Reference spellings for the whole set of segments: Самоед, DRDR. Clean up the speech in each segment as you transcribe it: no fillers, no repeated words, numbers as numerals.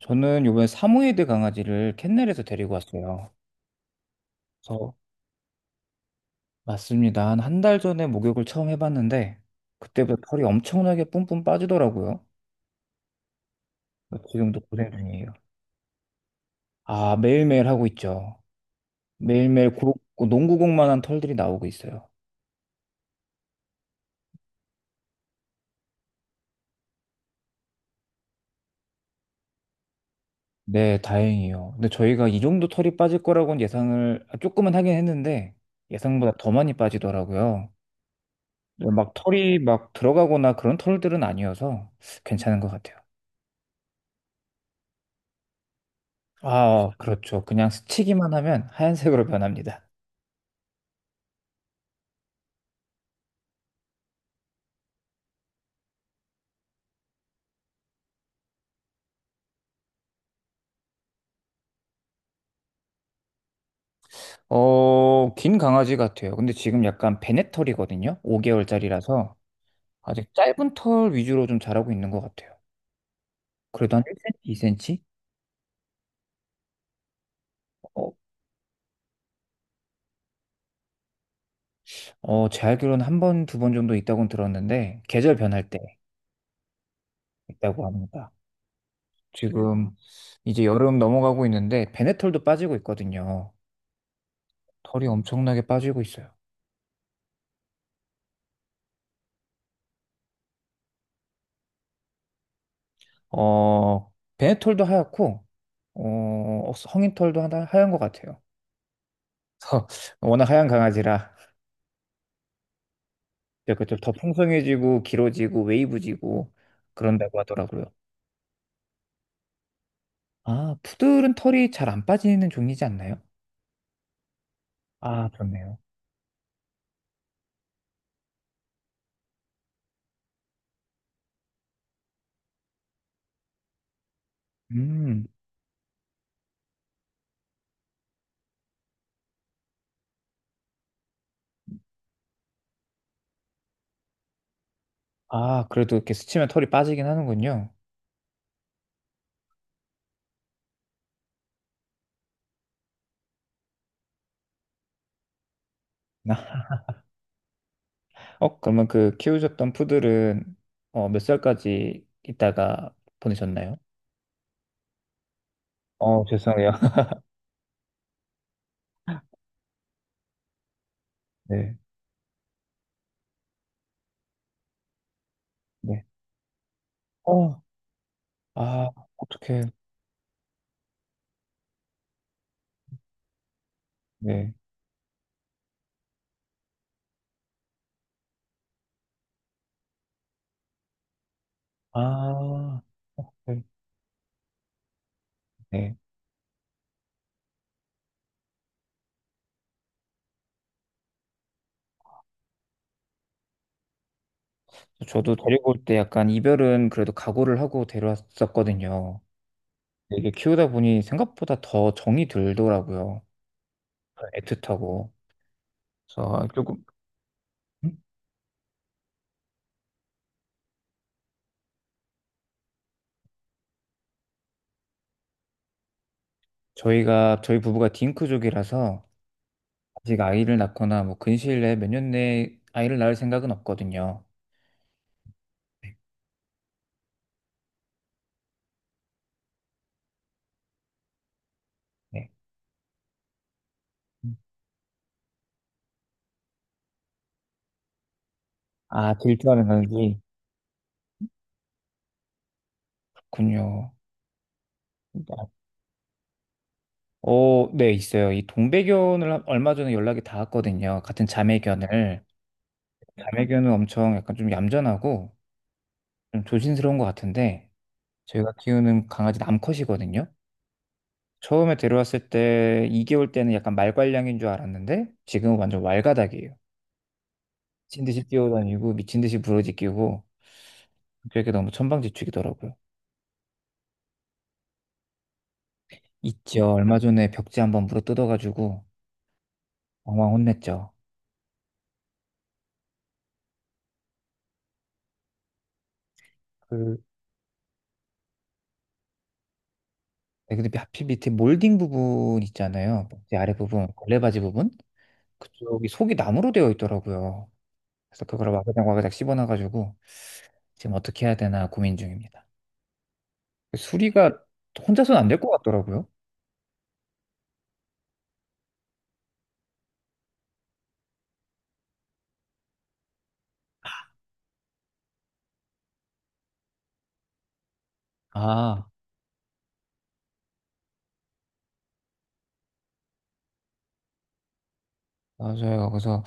저는 요번에 사모예드 강아지를 캔넬에서 데리고 왔어요. 그래서 맞습니다. 한 한 달 전에 목욕을 처음 해봤는데 그때부터 털이 엄청나게 뿜뿜 빠지더라고요. 지금도 고생 중이에요. 아, 매일매일 하고 있죠. 매일매일 고, 농구공만한 털들이 나오고 있어요. 네, 다행이요. 근데 저희가 이 정도 털이 빠질 거라고는 예상을 아, 조금은 하긴 했는데 예상보다 더 많이 빠지더라고요. 네, 막 털이 막 들어가거나 그런 털들은 아니어서 괜찮은 것 같아요. 아, 그렇죠. 그냥 스치기만 하면 하얀색으로 변합니다. 긴 강아지 같아요. 근데 지금 약간 베네털이거든요. 5개월짜리라서 아직 짧은 털 위주로 좀 자라고 있는 것 같아요. 그래도 한 1cm, 2cm? 어, 제 알기로는 한 번, 두 번 정도 있다고 들었는데 계절 변할 때 있다고 합니다. 지금 이제 여름 넘어가고 있는데 베네털도 빠지고 있거든요. 털이 엄청나게 빠지고 있어요. 어, 베네털도 하얗고 성인털도 하나 하얀 것 같아요. 어, 워낙 하얀 강아지라 그좀 더 풍성해지고 길어지고 웨이브지고 그런다고 하더라고요. 아, 푸들은 털이 잘 안 빠지는 종이지 않나요? 아, 그렇네요. 음. 아, 그래도 이렇게 스치면 털이 빠지긴 하는군요. 그러면 그 키우셨던 푸들은 몇 살까지 있다가 보내셨나요? 죄송해요. 네, 네. 어, 아, 어떡해. 네. 아, 네. 저도 데리고 올 때 약간 이별은 그래도 각오를 하고 데려왔었거든요. 이게 키우다 보니 생각보다 더 정이 들더라고요. 애틋하고. 그래서 조금. 음? 저희 부부가 딩크족이라서 아직 아이를 낳거나 뭐 근시일 내에 몇 년 내에 아이를 낳을 생각은 없거든요. 네. 네. 음. 아, 질투하는 건지. 군요. 네, 있어요. 이 동배견을 얼마 전에 연락이 닿았거든요. 같은 자매견을. 자매견은 엄청 약간 좀 얌전하고 좀 조심스러운 것 같은데 저희가 키우는 강아지 남컷이거든요. 처음에 데려왔을 때 2개월 때는 약간 말괄량인 줄 알았는데 지금은 완전 왈가닥이에요. 미친 듯이 뛰어다니고 미친 듯이 부러지끼고 그게 너무 천방지축이더라고요. 있죠. 얼마 전에 벽지 한번 물어 뜯어가지고 엉망 혼냈죠. 그 네, 근데 하필 밑에 몰딩 부분 있잖아요. 벽지 아래 부분, 걸레바지 부분 그쪽이 속이 나무로 되어 있더라고요. 그래서 그걸 와그작 와그작 씹어놔가지고 지금 어떻게 해야 되나 고민 중입니다. 수리가 혼자서는 안 될 것 같더라고요. 아, 맞아요. 그래서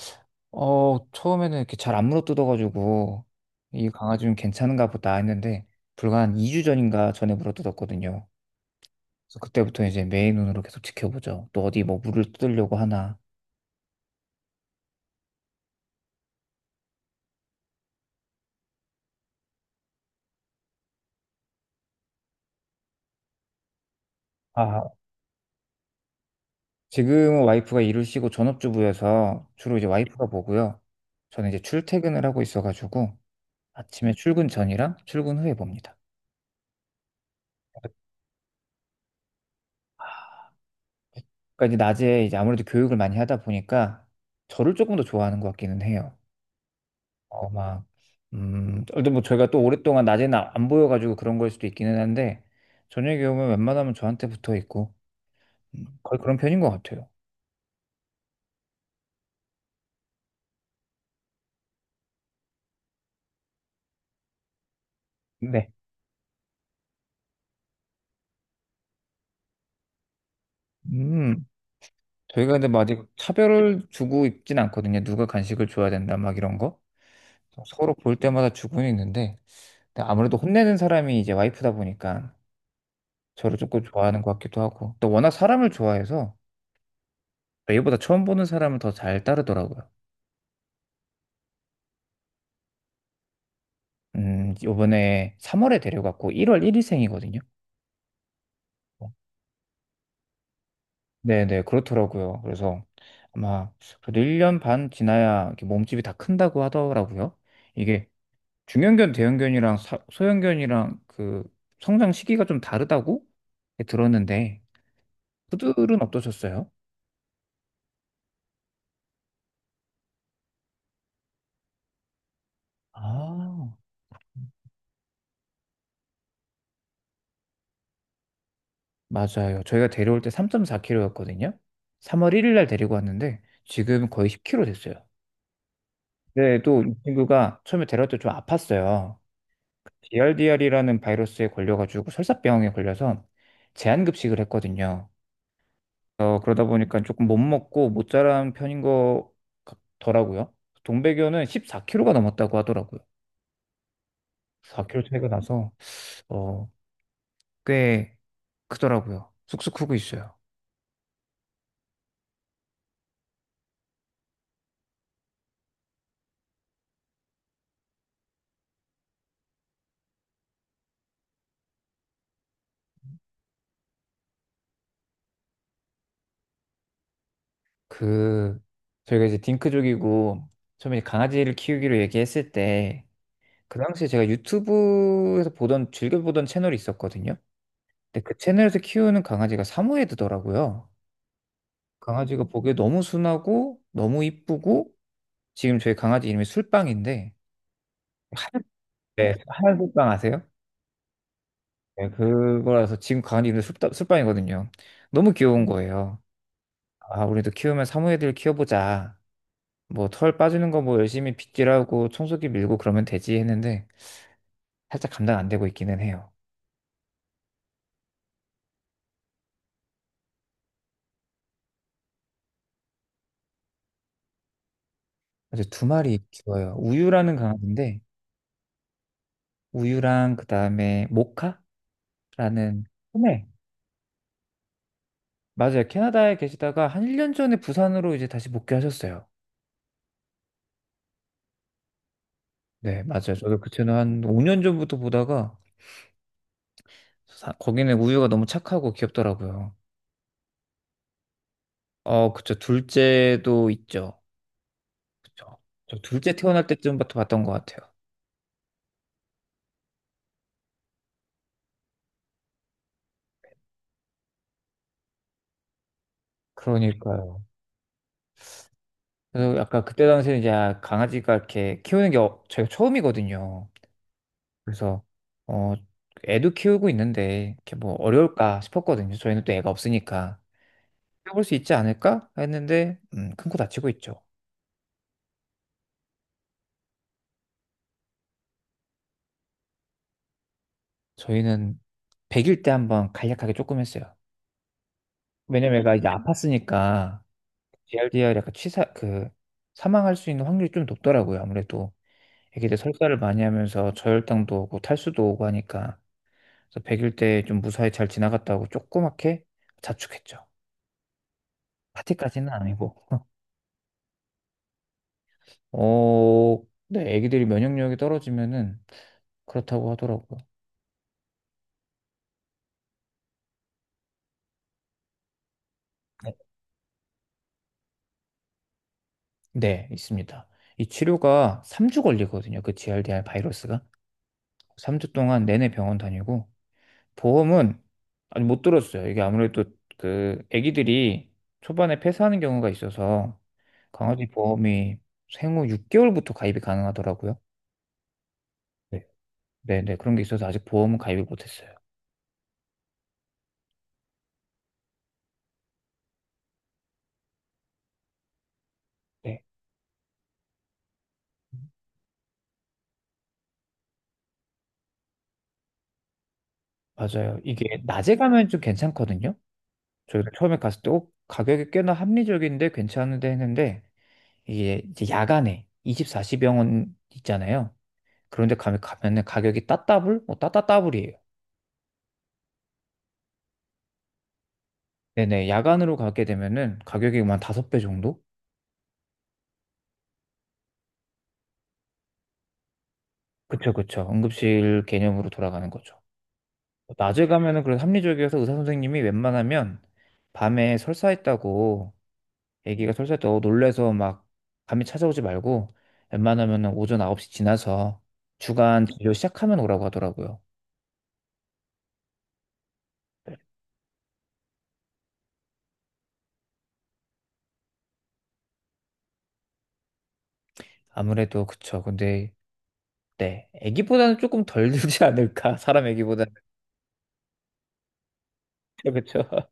처음에는 이렇게 잘 안 물어뜯어가지고 이 강아지 좀 괜찮은가 보다 했는데 불과 한 2주 전인가 전에 물어뜯었거든요. 그래서 그때부터 이제 매의 눈으로 계속 지켜보죠. 또 어디 뭐 물을 뜯으려고 하나. 아, 지금은 와이프가 일을 쉬고 전업주부여서 주로 이제 와이프가 보고요. 저는 이제 출퇴근을 하고 있어가지고 아침에 출근 전이랑 출근 후에 봅니다. 그러니까 이제 낮에 이제 아무래도 교육을 많이 하다 보니까 저를 조금 더 좋아하는 것 같기는 해요. 어, 막, 근데 뭐 저희가 또 오랫동안 낮에는 안 보여가지고 그런 걸 수도 있기는 한데 저녁에 오면 웬만하면 저한테 붙어 있고 거의 그런 편인 것 같아요. 네. 음, 저희가 근데 뭐 아직 차별을 주고 있진 않거든요. 누가 간식을 줘야 된다 막 이런 거. 서로 볼 때마다 주고는 있는데 근데 아무래도 혼내는 사람이 이제 와이프다 보니까 저를 조금 좋아하는 것 같기도 하고 또 워낙 사람을 좋아해서 얘보다 처음 보는 사람은 더 잘 따르더라고요. 요번에 3월에 데려갔고 1월 1일생이거든요. 네네, 그렇더라고요. 그래서 아마 그래도 1년 반 지나야 이렇게 몸집이 다 큰다고 하더라고요. 이게 중형견, 대형견이랑 소형견이랑 그 성장 시기가 좀 다르다고 들었는데, 푸들은 어떠셨어요? 아, 맞아요. 저희가 데려올 때 3.4kg였거든요. 3월 1일 날 데리고 왔는데, 지금 거의 10kg 됐어요. 근데 또 이 친구가 처음에 데려올 때 좀 아팠어요. DRDR이라는 바이러스에 걸려가지고 설사병에 걸려서 제한급식을 했거든요. 그러다 보니까 조금 못 먹고 못 자란 편인 것 같더라고요. 동배교는 14kg가 넘었다고 하더라고요. 4kg 차이가 나서 어, 꽤 크더라고요. 쑥쑥 크고 있어요. 그 저희가 이제 딩크족이고 처음에 강아지를 키우기로 얘기했을 때 그 당시에 제가 유튜브에서 보던 즐겨 보던 채널이 있었거든요. 근데 그 채널에서 키우는 강아지가 사모예드더라고요. 강아지가 보기에 너무 순하고 너무 이쁘고 지금 저희 강아지 이름이 술빵인데 네, 하얀 술빵 아세요? 네, 그거라서 지금 강아지 이름이 술, 술빵이거든요. 너무 귀여운 거예요. 아, 우리도 키우면 사모예드를 키워보자. 뭐 털 빠지는 거 뭐 열심히 빗질하고 청소기 밀고 그러면 되지 했는데 살짝 감당 안 되고 있기는 해요. 그래서 두 마리 키워요. 우유라는 강아지인데 우유랑 그다음에 모카라는 소매 맞아요. 캐나다에 계시다가 한 1년 전에 부산으로 이제 다시 복귀하셨어요. 네, 맞아요. 저도 그 채널 한 5년 전부터 보다가 거기는 우유가 너무 착하고 귀엽더라고요. 그쵸. 둘째도 있죠. 그쵸. 저 둘째 태어날 때쯤부터 봤던 것 같아요. 그러니까요. 그래서 약간 그때 당시에 이제 아, 강아지가 이렇게 키우는 게 저희가 처음이거든요. 그래서 어, 애도 키우고 있는데 이렇게 뭐 어려울까 싶었거든요. 저희는 또 애가 없으니까. 해볼 수 있지 않을까 했는데 큰 코 다치고 있죠. 저희는 100일 때 한번 간략하게 조금 했어요. 왜냐면 얘가 이제 아팠으니까 g r d r 약간 치사 사망할 수 있는 확률이 좀 높더라고요. 아무래도 애기들 설사를 많이 하면서 저혈당도 오고 탈수도 오고 하니까 그래서 100일 때 좀 무사히 잘 지나갔다고 조그맣게 자축했죠. 파티까지는 아니고. 네, 애기들이 면역력이 떨어지면은 그렇다고 하더라고요. 네, 네, 있습니다. 이 치료가 3주 걸리거든요. 그 g r d r 바이러스가. 3주 동안 내내 병원 다니고 보험은 아니 못 들었어요. 이게 아무래도 그 아기들이 초반에 폐사하는 경우가 있어서 강아지 보험이 생후 6개월부터 가입이 가능하더라고요. 네. 네네 그런 게 있어서 아직 보험은 가입을 못했어요. 네 맞아요. 이게 낮에 가면 좀 괜찮거든요. 저희가 처음에 갔을 때 가격이 꽤나 합리적인데 괜찮은데 했는데 이게 이제 야간에 24시 병원 있잖아요. 그런데 가면은 가격이 따따블? 뭐 따따따블이에요. 네네. 야간으로 가게 되면은 가격이 한 5배 정도? 그쵸, 그쵸. 응급실 개념으로 돌아가는 거죠. 낮에 가면은 그래도 합리적이어서 의사 선생님이 웬만하면 밤에 설사했다고, 아기가 설사했다고 놀래서 막 감이 찾아오지 말고 웬만하면은 오전 9시 지나서 주간 진료 시작하면 오라고 하더라고요. 아무래도 그쵸. 근데. 네. 아기보다는 조금 덜 들지 않을까? 사람 아기보다는. 그쵸, 그쵸.